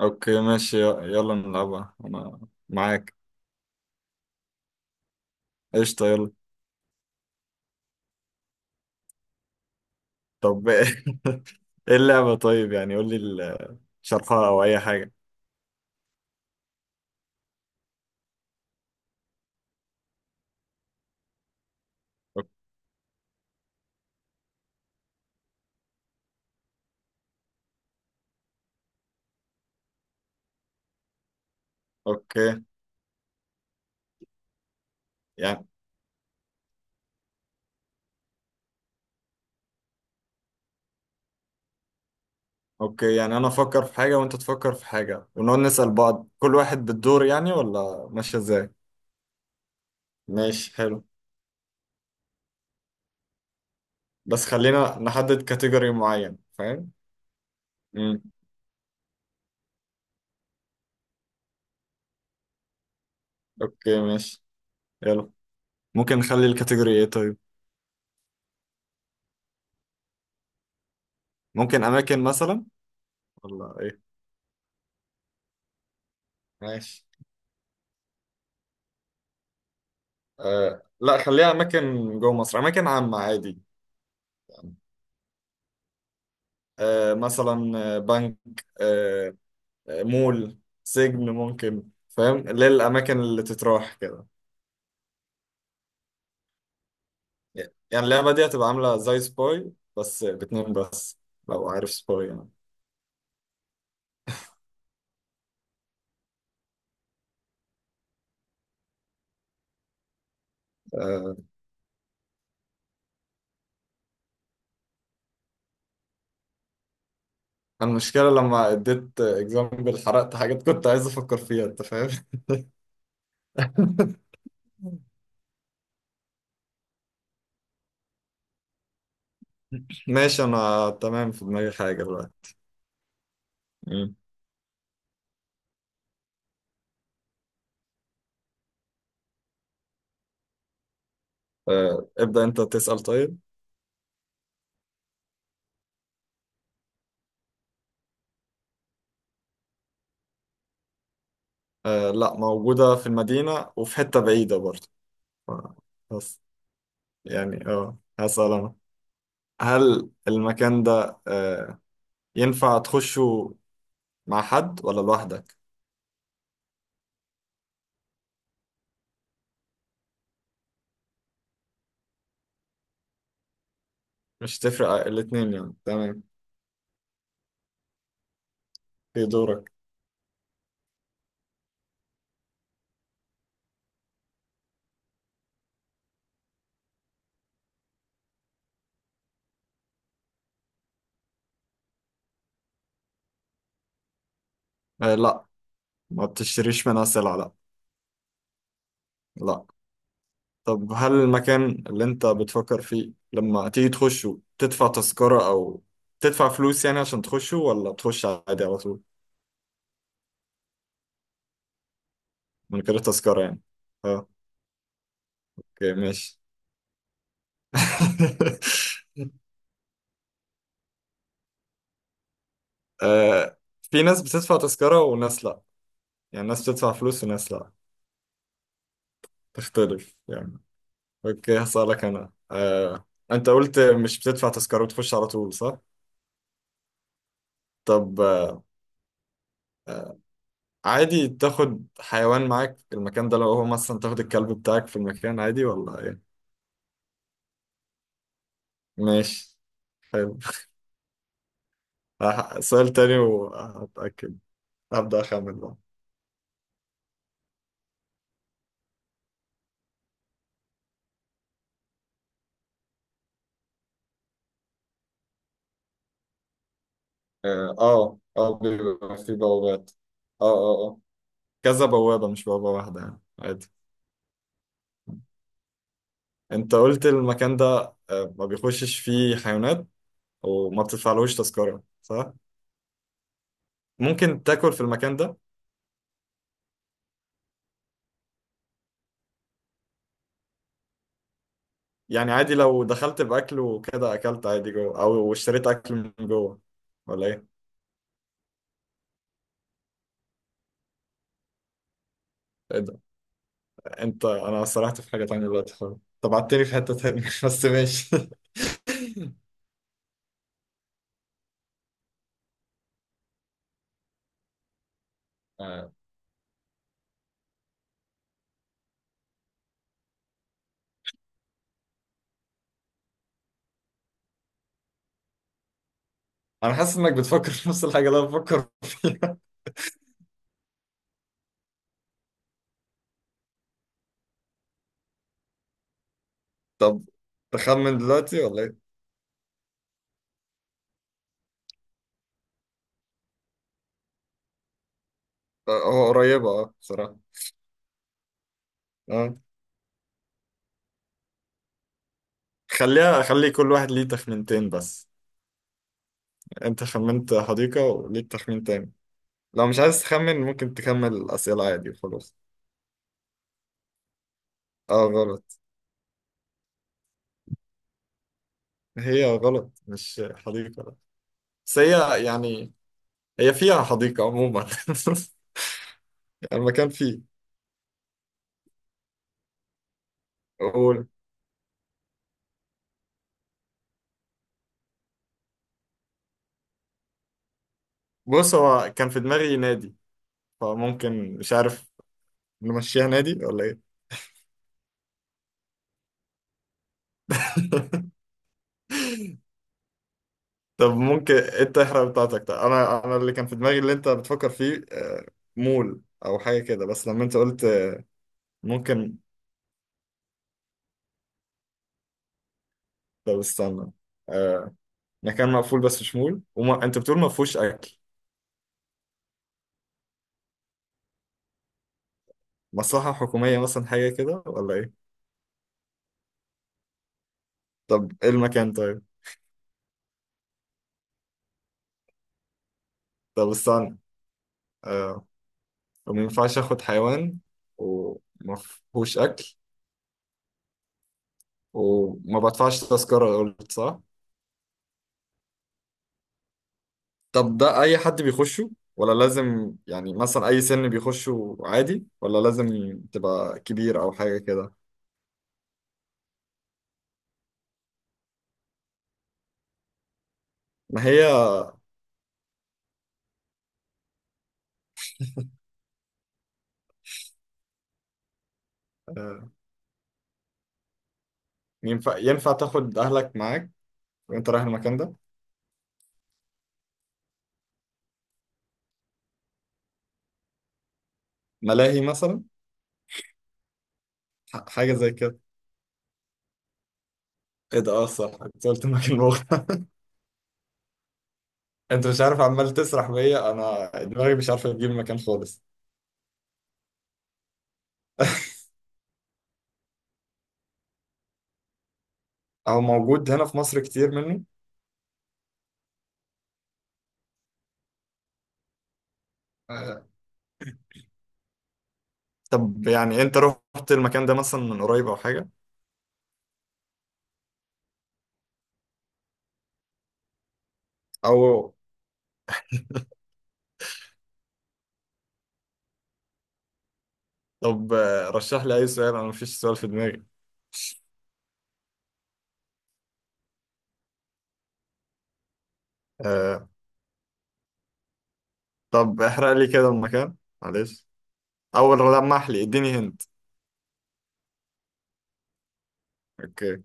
اوكي ماشي يلا نلعبها. انا معاك. قشطة يلا. طب ايه اللعبة؟ طيب يعني قول لي شرحها او اي حاجة. أوك- اوكي يعني اوكي، يعني انا افكر في حاجة وانت تفكر في حاجة ونقعد نسأل بعض، كل واحد بالدور يعني، ولا ماشية ازاي؟ ماشي حلو. بس خلينا نحدد كاتيجوري معين فاهم. امم اوكي ماشي يلا. ممكن نخلي الكاتيجوري ايه طيب؟ ممكن اماكن مثلا، ولا ايه؟ ماشي. آه لا، خليها اماكن جوه مصر، اماكن عامه عادي يعني. آه مثلا، بنك، آه مول، سجن ممكن، فاهم؟ اللي هي الاماكن اللي تتراح كده. يعني اللعبه دي هتبقى عامله زي سباي، بس باتنين بس، لو عارف سباي يعني. آه أنا المشكله لما اديت اكزامبل حرقت حاجات كنت عايز افكر فيها، انت فاهم. ماشي انا تمام، في دماغي حاجه دلوقتي. مم. آه ابدا انت تسال طيب. آه لا، موجودة في المدينة وفي حتة بعيدة برضه. ف- بس يعني اه هسأل أنا. هل المكان ده ينفع تخشه مع حد ولا لوحدك؟ مش تفرق الاتنين يعني، تمام. في دورك. آه لا، ما بتشتريش منها سلع لا لا. طب هل المكان اللي انت بتفكر فيه لما تيجي تخشه تدفع تذكرة أو تدفع فلوس يعني عشان تخشه، ولا تخش عادي على طول؟ من غير تذكرة يعني؟ اه. اوكي ماشي. آه، في ناس بتدفع تذكرة وناس لأ، يعني ناس بتدفع فلوس وناس لأ، تختلف يعني. أوكي هسألك أنا، أنت قلت مش بتدفع تذكرة وتخش على طول، صح؟ طب آه، عادي تاخد حيوان معاك في المكان ده؟ لو هو مثلا تاخد الكلب بتاعك في المكان، عادي ولا إيه؟ ماشي حلو. سؤال تاني وهتأكد. هبدأ أخمن بقى. بيبقى في بوابات. آه آه آه كذا بوابة مش بوابة واحدة يعني، عادي. انت قلت المكان ده ما بيخشش فيه حيوانات وما بتدفعلوش تذكرة، صح؟ ممكن تاكل في المكان ده؟ يعني عادي لو دخلت بأكل وكده أكلت عادي جوه، أو اشتريت أكل من جوه ولا إيه؟ إيه ده؟ أنت أنا سرحت في حاجة تانية دلوقتي خالص، طب عدتني في حتة تانية بس ماشي. آه، أنا حاسس إنك بتفكر في نفس الحاجة اللي أنا بفكر فيها. طب تخمن دلوقتي ولا إيه؟ هو قريبة أه بصراحة. أه. خليها، خلي كل واحد ليه تخمينتين بس. انت خمنت حديقة وليك تخمين تاني، لو مش عايز تخمن ممكن تكمل الأسئلة عادي وخلاص. اه غلط. هي غلط مش حديقة لا. بس هي يعني هي فيها حديقة عموما. المكان فيه. قول. بص هو كان في دماغي نادي، فممكن مش عارف نمشيها نادي ولا ايه. طب ممكن انت احرق بتاعتك. طب انا، اللي كان في دماغي اللي انت بتفكر فيه مول او حاجة كده، بس لما انت قلت ممكن. طب استنى، آه، مكان مقفول بس شمول انت بتقول ما فيهوش اكل. مصلحة حكومية مثلا، حاجة كده ولا ايه؟ طب ايه المكان طيب؟ طب استنى آه وما ينفعش اخد حيوان وما فيهوش اكل وما بدفعش تذكرة قلت، صح؟ طب ده اي حد بيخشه ولا لازم يعني مثلا اي سن بيخشه عادي، ولا لازم تبقى كبير او حاجة كده؟ ما هي آه، ينفع ينفع تاخد اهلك معاك وانت رايح المكان ده؟ ملاهي مثلا، حاجة زي كده؟ ايه ده؟ اه صح، انت قلت مكان مغلق. انت مش عارف، عمال تسرح بيا، انا دماغي مش عارفه تجيب مكان خالص. هو موجود هنا في مصر كتير منه. آه، طب يعني انت رحت المكان ده مثلا من قريب او حاجه؟ او طب رشح لي اي سؤال، انا مفيش سؤال في دماغي. آه، طب احرق لي كده المكان، معلش. اول لمح لي اديني هنت. اوكي.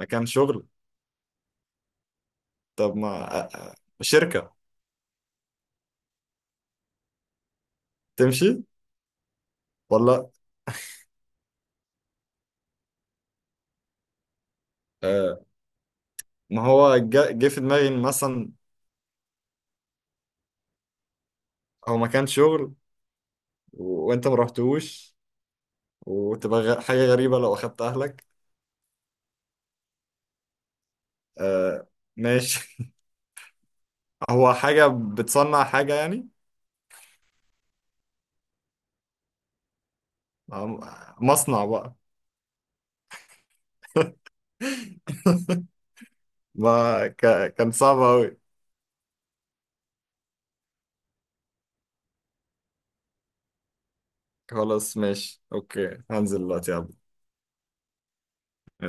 مكان شغل؟ طب ما آه، آه، شركه تمشي ولا؟ آه، ما هو جه في دماغي إن مثلا هو مكان شغل وانت ما رحتوش، وتبقى حاجة غريبة لو اخدت اهلك. آه ماشي. هو حاجة بتصنع حاجة يعني؟ مصنع بقى. ما كان صعب أوي. خلاص ماشي اوكي، هنزل دلوقتي يلا.